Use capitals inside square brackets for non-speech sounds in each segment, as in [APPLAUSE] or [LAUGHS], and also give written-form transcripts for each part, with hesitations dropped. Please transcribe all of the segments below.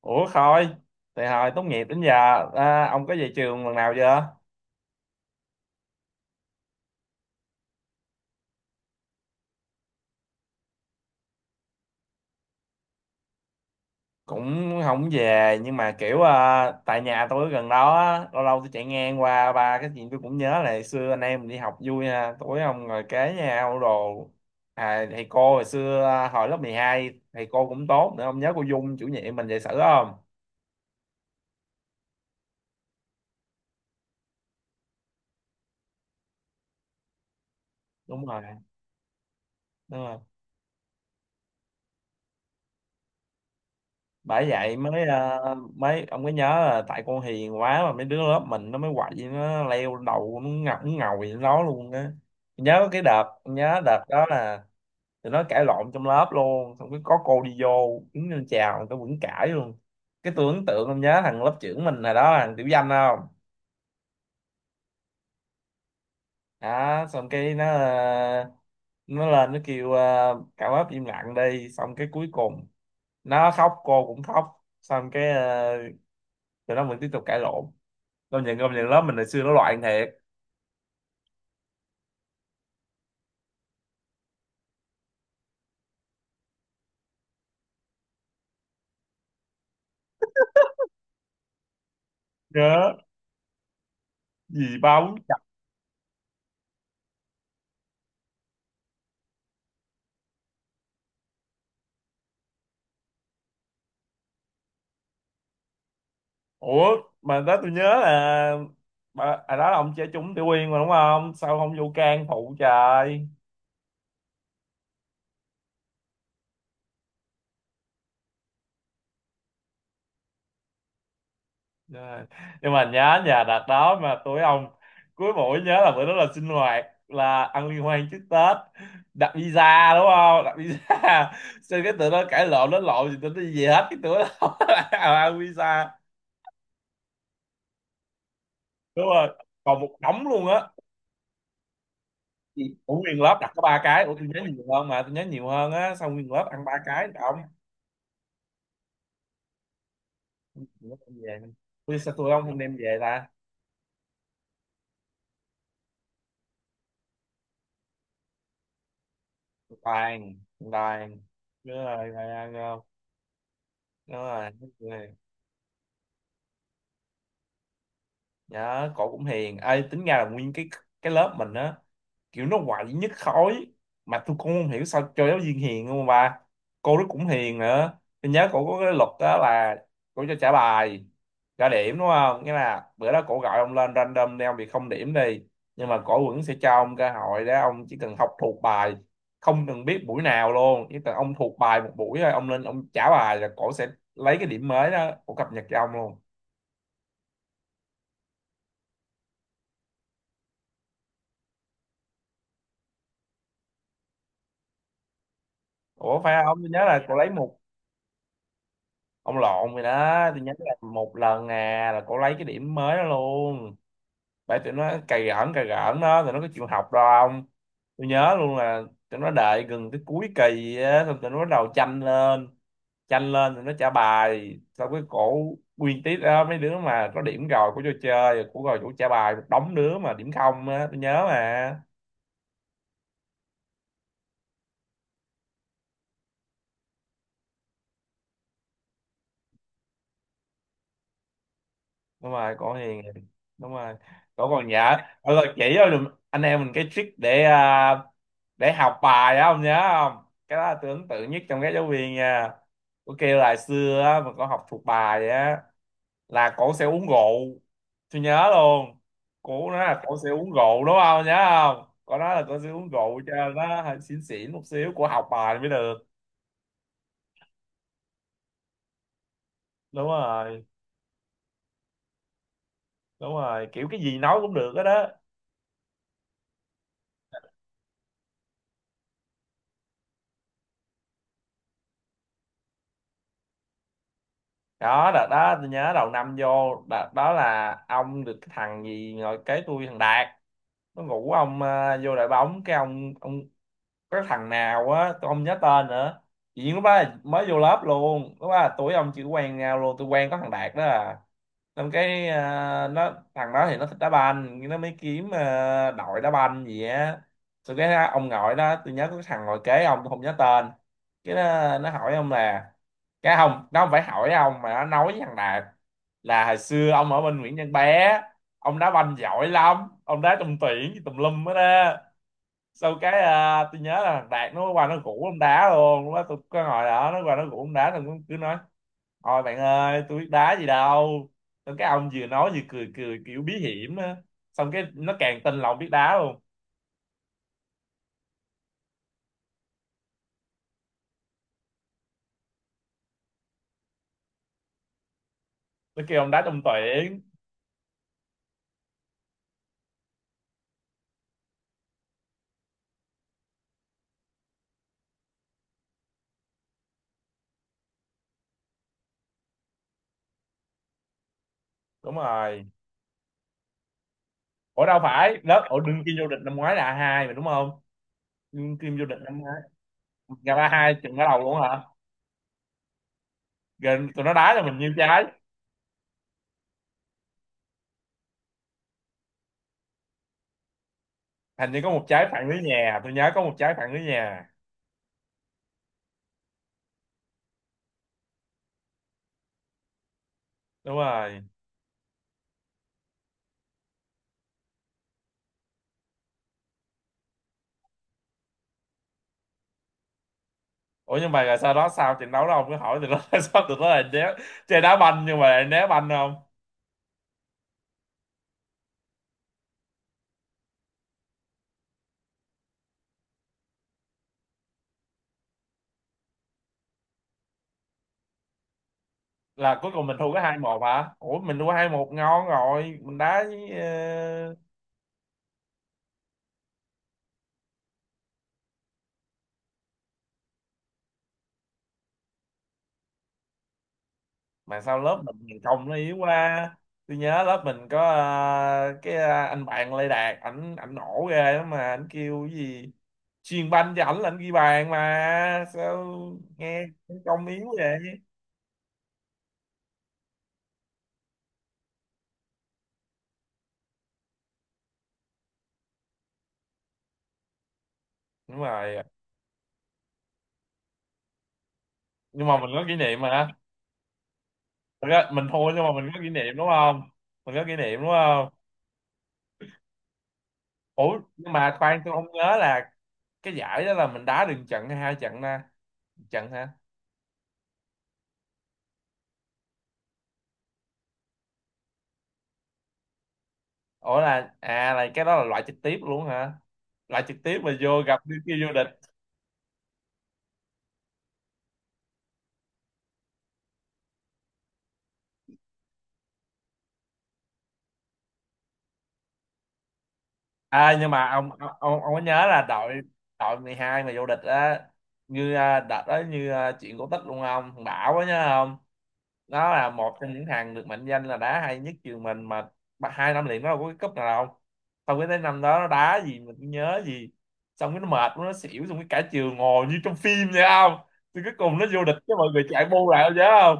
Ủa Khôi, từ hồi tốt nghiệp đến giờ ông có về trường lần nào chưa? Cũng không về nhưng mà kiểu tại nhà tôi ở gần đó á, lâu lâu tôi chạy ngang qua ba cái chuyện tôi cũng nhớ là hồi xưa anh em mình đi học vui ha, tối ông ngồi kế nhau đồ. Thầy cô hồi xưa hồi lớp 12 thầy cô cũng tốt nữa, ông nhớ cô Dung chủ nhiệm mình dạy sử không? Đúng rồi, đúng rồi. Bởi vậy mới mới ông mới nhớ là tại con hiền quá mà mấy đứa lớp mình nó mới quậy, nó leo đầu nó ngọc, nó ngồi nó nói luôn á. Nhớ cái đợt, nhớ đợt đó là tụi nó cãi lộn trong lớp luôn, xong cái có cô đi vô đứng lên chào tao vẫn cãi luôn. Cái tôi ấn tượng, ông nhớ thằng lớp trưởng mình hồi đó thằng Tiểu Danh không? Đó xong cái nó lên nó kêu cả lớp im lặng đi, xong cái cuối cùng nó khóc cô cũng khóc, xong cái tụi nó vẫn tiếp tục cãi lộn. Công nhận công nhận lớp mình hồi xưa nó loạn thiệt. Nhớ gì ba bốn chập. Ủa mà đó tôi nhớ là bà, à đó là ông chơi trúng Tiểu Uyên mà đúng không, sao không vô can phụ trời. Rồi. Nhưng mà nhớ nhà đợt đó mà tụi ông, cuối buổi nhớ là bữa đó là sinh hoạt, là ăn liên hoan trước Tết. Đặt visa đúng không, đặt visa [LAUGHS] xin, cái tụi nó cãi lộn nó lộn gì tụi nó gì hết, cái tụi nó [LAUGHS] không ăn visa. Đúng rồi, còn một đống luôn á. Gì? Ủa nguyên lớp đặt có ba cái? Ủa tôi nhớ nhiều hơn mà, tôi nhớ nhiều hơn á. Xong nguyên lớp ăn ba cái ông đem về. Tôi sao tôi không không đem về ta. Tôi Toàn, Toàn. Đúng rồi toàn ăn không. Đúng rồi, đúng rồi. Nhớ, cổ cũng hiền. Ê tính ra là nguyên cái lớp mình á, kiểu nó quậy nhất khối, mà tôi cũng không hiểu sao cho giáo viên hiền không, mà cô đó cũng hiền nữa. Tôi nhớ cổ có cái luật đó là cổ cho trả bài, trả điểm, đúng không, nghĩa là bữa đó cổ gọi ông lên random đi, ông bị không điểm đi, nhưng mà cổ vẫn sẽ cho ông cơ hội đó. Ông chỉ cần học thuộc bài, không cần biết buổi nào luôn, chỉ cần ông thuộc bài một buổi thôi, ông lên ông trả bài là cổ sẽ lấy cái điểm mới đó, cổ cập nhật cho ông luôn. Ủa phải không, tôi nhớ là cổ lấy một. Ông lộn rồi đó, tôi nhắn là một lần à, là cô lấy cái điểm mới đó luôn. Phải, tụi nó cày gỡn đó, tụi nó có chịu học đâu. Không, tôi nhớ luôn là tụi nó đợi gần cái cuối kỳ á, xong tụi nó bắt đầu tranh lên, tranh lên tụi nó trả bài, xong cái cổ nguyên tiết đó mấy đứa mà có điểm rồi của cho chơi của, rồi chủ trả bài một đống đứa mà điểm không á, tôi nhớ mà. Đúng rồi, cổ hiền. Đúng rồi, cổ còn nhớ, cổ còn chỉ cho anh em mình cái trick để để học bài á, ông nhớ không? Cái đó là tôi ấn tượng nhất trong các giáo viên nha. Có kêu là xưa á, mà cổ học thuộc bài vậy á là cổ sẽ uống rượu. Tôi nhớ luôn, cổ nói là cổ sẽ uống rượu đúng không, nhớ không, cổ nói là cổ sẽ uống rượu cho nó hơi xỉn xỉn một xíu, cổ học bài mới được. Đúng rồi, đúng rồi, kiểu cái gì nói cũng được hết đó. Đó, đợt đó tôi nhớ đầu năm vô, đợt đó là ông được cái thằng gì ngồi kế tôi, thằng Đạt nó ngủ, ông vô đội bóng, cái ông cái thằng nào á tôi không nhớ tên nữa. Chỉ lúc đó là mới vô lớp luôn, lúc đó là tuổi ông chỉ quen nhau luôn, tôi quen có thằng Đạt đó à. Xong cái nó, thằng đó thì nó thích đá banh nhưng nó mới kiếm đội đá banh gì á. Xong cái ông ngồi đó, tôi nhớ có cái thằng ngồi kế ông tôi không nhớ tên. Cái nó hỏi ông là, cái không nó không phải hỏi ông mà nó nói với thằng Đạt là hồi xưa ông ở bên Nguyễn Văn Bé, ông đá banh giỏi lắm, ông đá trong tuyển tùm lum hết á. Sau cái tôi nhớ là thằng Đạt nó qua nó rủ ông đá luôn, lúc đó tôi có ngồi đó, nó qua nó rủ ông đá, thằng cứ nói thôi bạn ơi, tôi biết đá gì đâu. Xong cái ông vừa nói vừa cười cười kiểu bí hiểm á. Xong cái nó càng tin lòng biết đá luôn. Nó kêu ông đá trong tuyển. Đúng rồi. Ủa đâu phải, lớp ở đương kim vô địch năm ngoái là A2 mà đúng không? Đương kim vô địch năm ngoái. Gặp A2 chừng ở đầu luôn hả? Gần tụi nó đá cho mình nhiêu trái. Hình như có một trái phản lưới nhà, tôi nhớ có một trái phản lưới nhà. Đúng rồi. Ủa nhưng mà rồi sau đó sao trận đấu đó ông cứ hỏi tụi nó [LAUGHS] sao tụi nó lại né chơi đá banh nhưng mà lại né banh không? Là cuối cùng mình thua có hai một hả, ủa mình thua hai một ngon rồi, mình đá với mà sao lớp mình nhìn công nó yếu quá. Tôi nhớ lớp mình có anh bạn Lê Đạt, ảnh ảnh nổ ghê lắm, mà ảnh kêu cái gì chuyền banh cho ảnh là ảnh ghi bàn, mà sao nghe công yếu vậy. Đúng rồi, nhưng mà mình có kỷ niệm mà. Thật ra mình thua nhưng mà mình có kỷ niệm đúng không, mình có kỷ niệm đúng không. Ủa nhưng mà khoan, tôi không nhớ là cái giải đó là mình đá được trận hay hai trận nè. Trận hả. Ủa là cái đó là loại trực tiếp luôn hả, loại trực tiếp mà vô gặp đứa kia vô địch. À nhưng mà ông có nhớ là đội, đội 12 mà vô địch á, đợt đó như chuyện cổ tích luôn không? Thằng Bảo á nhớ không, nó là một trong những thằng được mệnh danh là đá hay nhất trường mình mà, hai năm liền nó đâu có cái cúp nào đâu, xong cái tới năm đó nó đá gì mình cũng nhớ gì. Xong cái nó mệt quá, nó xỉu, xong cái cả trường ngồi như trong phim vậy không, thì cuối cùng nó vô địch cái mọi người chạy bu lại không nhớ.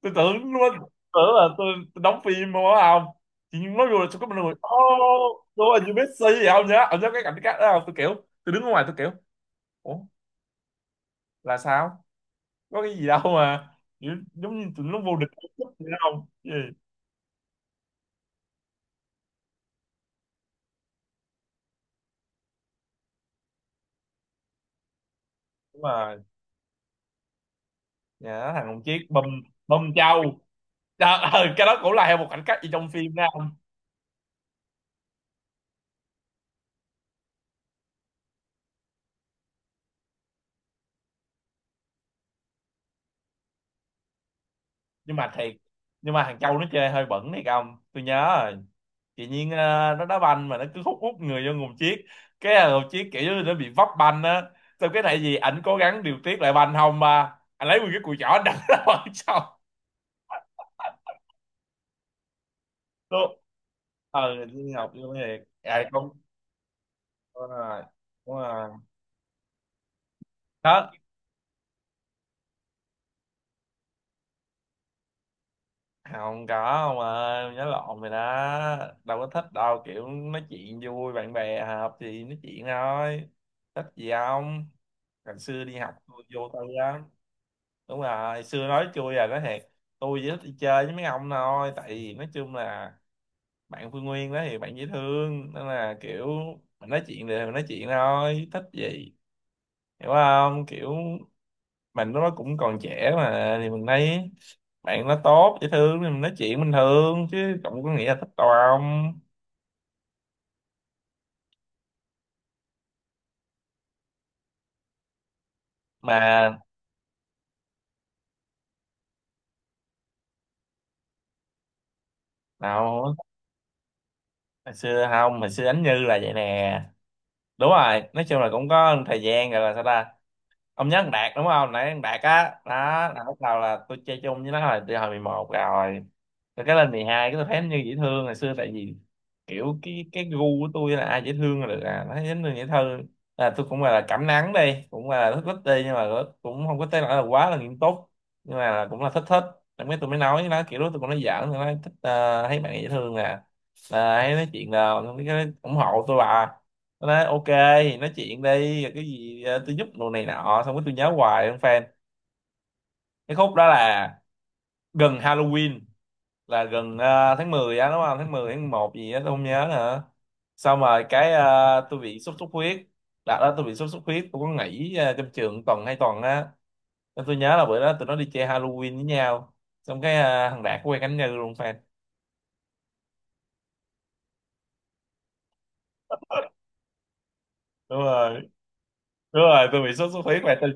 Tôi tưởng luôn, tưởng là tôi đóng phim không á. Không, chị Nhung nói vô là tôi có một người, oh đúng rồi như Messi vậy không nhá, ông nhớ cái cảnh cắt đó không, tôi kiểu tôi đứng ở ngoài tôi kiểu ủa là sao, có cái gì đâu mà kiểu, giống như tụi nó vô địch vậy không gì. Đúng rồi, nhà nó thằng Hồng Chiết bầm, bầm trâu. Trời ơi, cái đó cũng là một cảnh cắt gì trong phim nha. Nhưng mà thiệt, nhưng mà thằng Châu nó chơi hơi bẩn đấy ông, tôi nhớ rồi. Tự nhiên nó đá banh mà nó cứ hút hút người vô nguồn chiếc, cái là nguồn chiếc kiểu như nó bị vấp banh á, xong cái này gì ảnh cố gắng điều tiết lại banh không mà anh lấy nguyên cái cùi chỏ anh đập [LAUGHS] nó vào sau. Tôi- ờ Thiên Ngọc vô thiệt à, không, đúng rồi, đúng rồi, đó. Không có ông ơi, nhớ lộn rồi đó, đâu có thích đâu, kiểu nói chuyện vui bạn bè hợp thì nói chuyện thôi, thích gì không, ngày xưa đi học tôi vô tư lắm. Đúng rồi xưa nói chui nói thiệt, tôi chỉ thích đi chơi với mấy ông thôi, tại vì nói chung là bạn Phương Nguyên đó thì bạn dễ thương, nên là kiểu mình nói chuyện thì mình nói chuyện thôi, thích gì, hiểu không, kiểu mình lúc đó cũng còn trẻ mà, thì mình thấy bạn nó tốt dễ thương thì mình nói chuyện bình thường chứ cũng có nghĩa là thích đâu không. Mà nào, hồi xưa không, hồi xưa Ánh Như là vậy nè, đúng rồi, nói chung là cũng có thời gian rồi là sao ta. Ông nhớ thằng Đạt đúng không, nãy thằng Đạt á đó là lúc đầu là tôi chơi chung với nó là từ hồi 11 rồi, cái lên 12 cái tôi thấy nó như dễ thương hồi xưa. Tại vì kiểu cái gu của tôi là ai dễ thương là được, à nó thấy dễ thương là tôi cũng là cảm nắng đi, cũng là thích thích đi, nhưng mà cũng không có tới nỗi là quá là nghiêm túc, nhưng mà là cũng là thích thích. Xong cái tôi mới nói với nó kiểu đó, tôi cũng nói giỡn, tôi nói thích, thấy bạn dễ thương nè, hay nói chuyện là cái ủng hộ tôi bà. Tôi nói ok, nói chuyện đi rồi cái gì tôi giúp đồ này nọ, xong cái tôi nhớ hoài không fan. Cái khúc đó là gần Halloween, là gần tháng 10 á đúng không, tháng 10 tháng 1 gì á tôi không nhớ nữa. Xong rồi cái tôi bị sốt xuất huyết, đợt đó tôi bị sốt xuất huyết tôi có nghỉ trong trường tuần 2 tuần á, nên tôi nhớ là bữa đó tụi nó đi chơi Halloween với nhau. Xong cái thằng Đạt quen Khánh Như luôn fan. Đúng rồi, đúng rồi, tôi bị sốt xuất huyết mà tôi,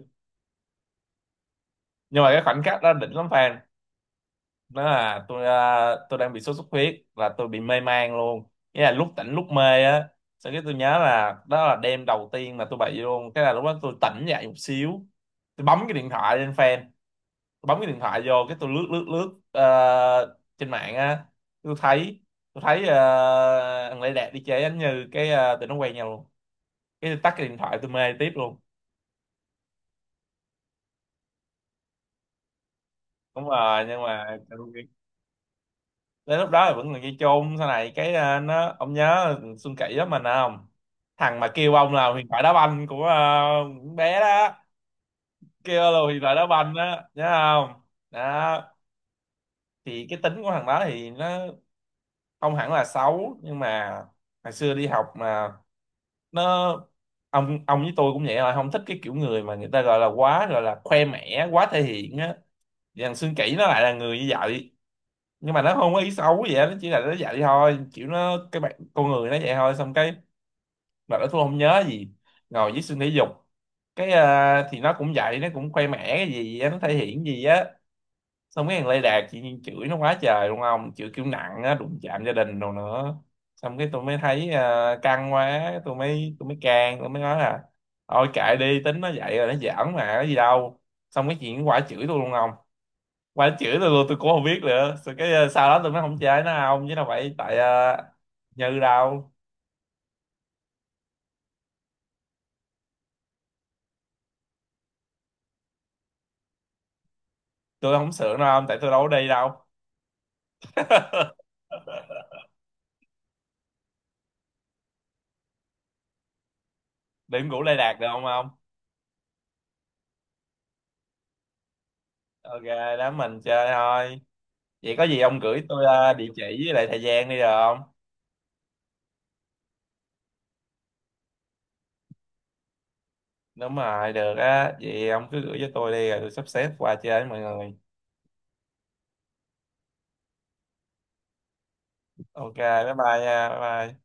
nhưng mà cái khoảnh khắc đó đỉnh lắm fan. Nó là tôi đang bị sốt xuất huyết và tôi bị mê man luôn, nghĩa là lúc tỉnh lúc mê á. Sau cái tôi nhớ là đó là đêm đầu tiên mà tôi bị luôn, cái là lúc đó tôi tỉnh dậy một xíu, tôi bấm cái điện thoại lên fan, tôi bấm cái điện thoại vô cái tôi lướt lướt lướt trên mạng á. Tôi thấy, tôi thấy uh, thằng Lê Đạt đi chơi anh Như, cái tụi nó quen nhau luôn. Cái tôi tắt cái điện thoại tôi mê tiếp luôn. Đúng rồi, nhưng mà đến lúc đó thì vẫn còn dây chôn. Sau này cái nó, ông nhớ Xuân Kỷ đó mình không, thằng mà kêu ông là huyền thoại đá banh của con bé đó, kêu là huyền thoại đá banh đó nhớ không. Đó thì cái tính của thằng đó thì nó không hẳn là xấu, nhưng mà hồi xưa đi học mà nó, ông với tôi cũng vậy, là không thích cái kiểu người mà người ta gọi là quá, gọi là khoe mẽ, quá thể hiện á. Thì thằng Xuân Kỷ nó lại là người như vậy, nhưng mà nó không có ý xấu gì hết, nó chỉ là nó dạy thôi, kiểu nó cái bạn con người nó vậy thôi. Xong cái mà nó tôi không nhớ gì, ngồi dưới sân thể dục cái thì nó cũng vậy, nó cũng khoe mẽ cái gì á, nó thể hiện gì á. Xong cái thằng Lê Đạt chị nhiên chửi nó quá trời luôn, không chửi kiểu nặng á, đụng chạm gia đình đồ nữa. Xong cái tôi mới thấy căng quá, tôi mới can, tôi mới nói là thôi kệ đi, tính nó vậy rồi, nó giỡn mà có gì đâu. Xong cái chuyện nó quả chửi tôi luôn không, mà chửi tôi luôn tôi cũng không biết nữa. Rồi cái sau đó tôi mới không chơi nó, không chứ đâu phải tại Như đâu. Tôi không sướng đâu ông, tại tôi đâu có đi đâu. Điểm ngủ Lê Đạt được không ông. Ok, đám mình chơi thôi. Vậy có gì ông gửi tôi địa chỉ với lại thời gian đi được không. Đúng rồi, được á, vậy ông cứ gửi cho tôi đi rồi tôi sắp xếp qua chơi với mọi người. Ok, bye bye nha, bye bye.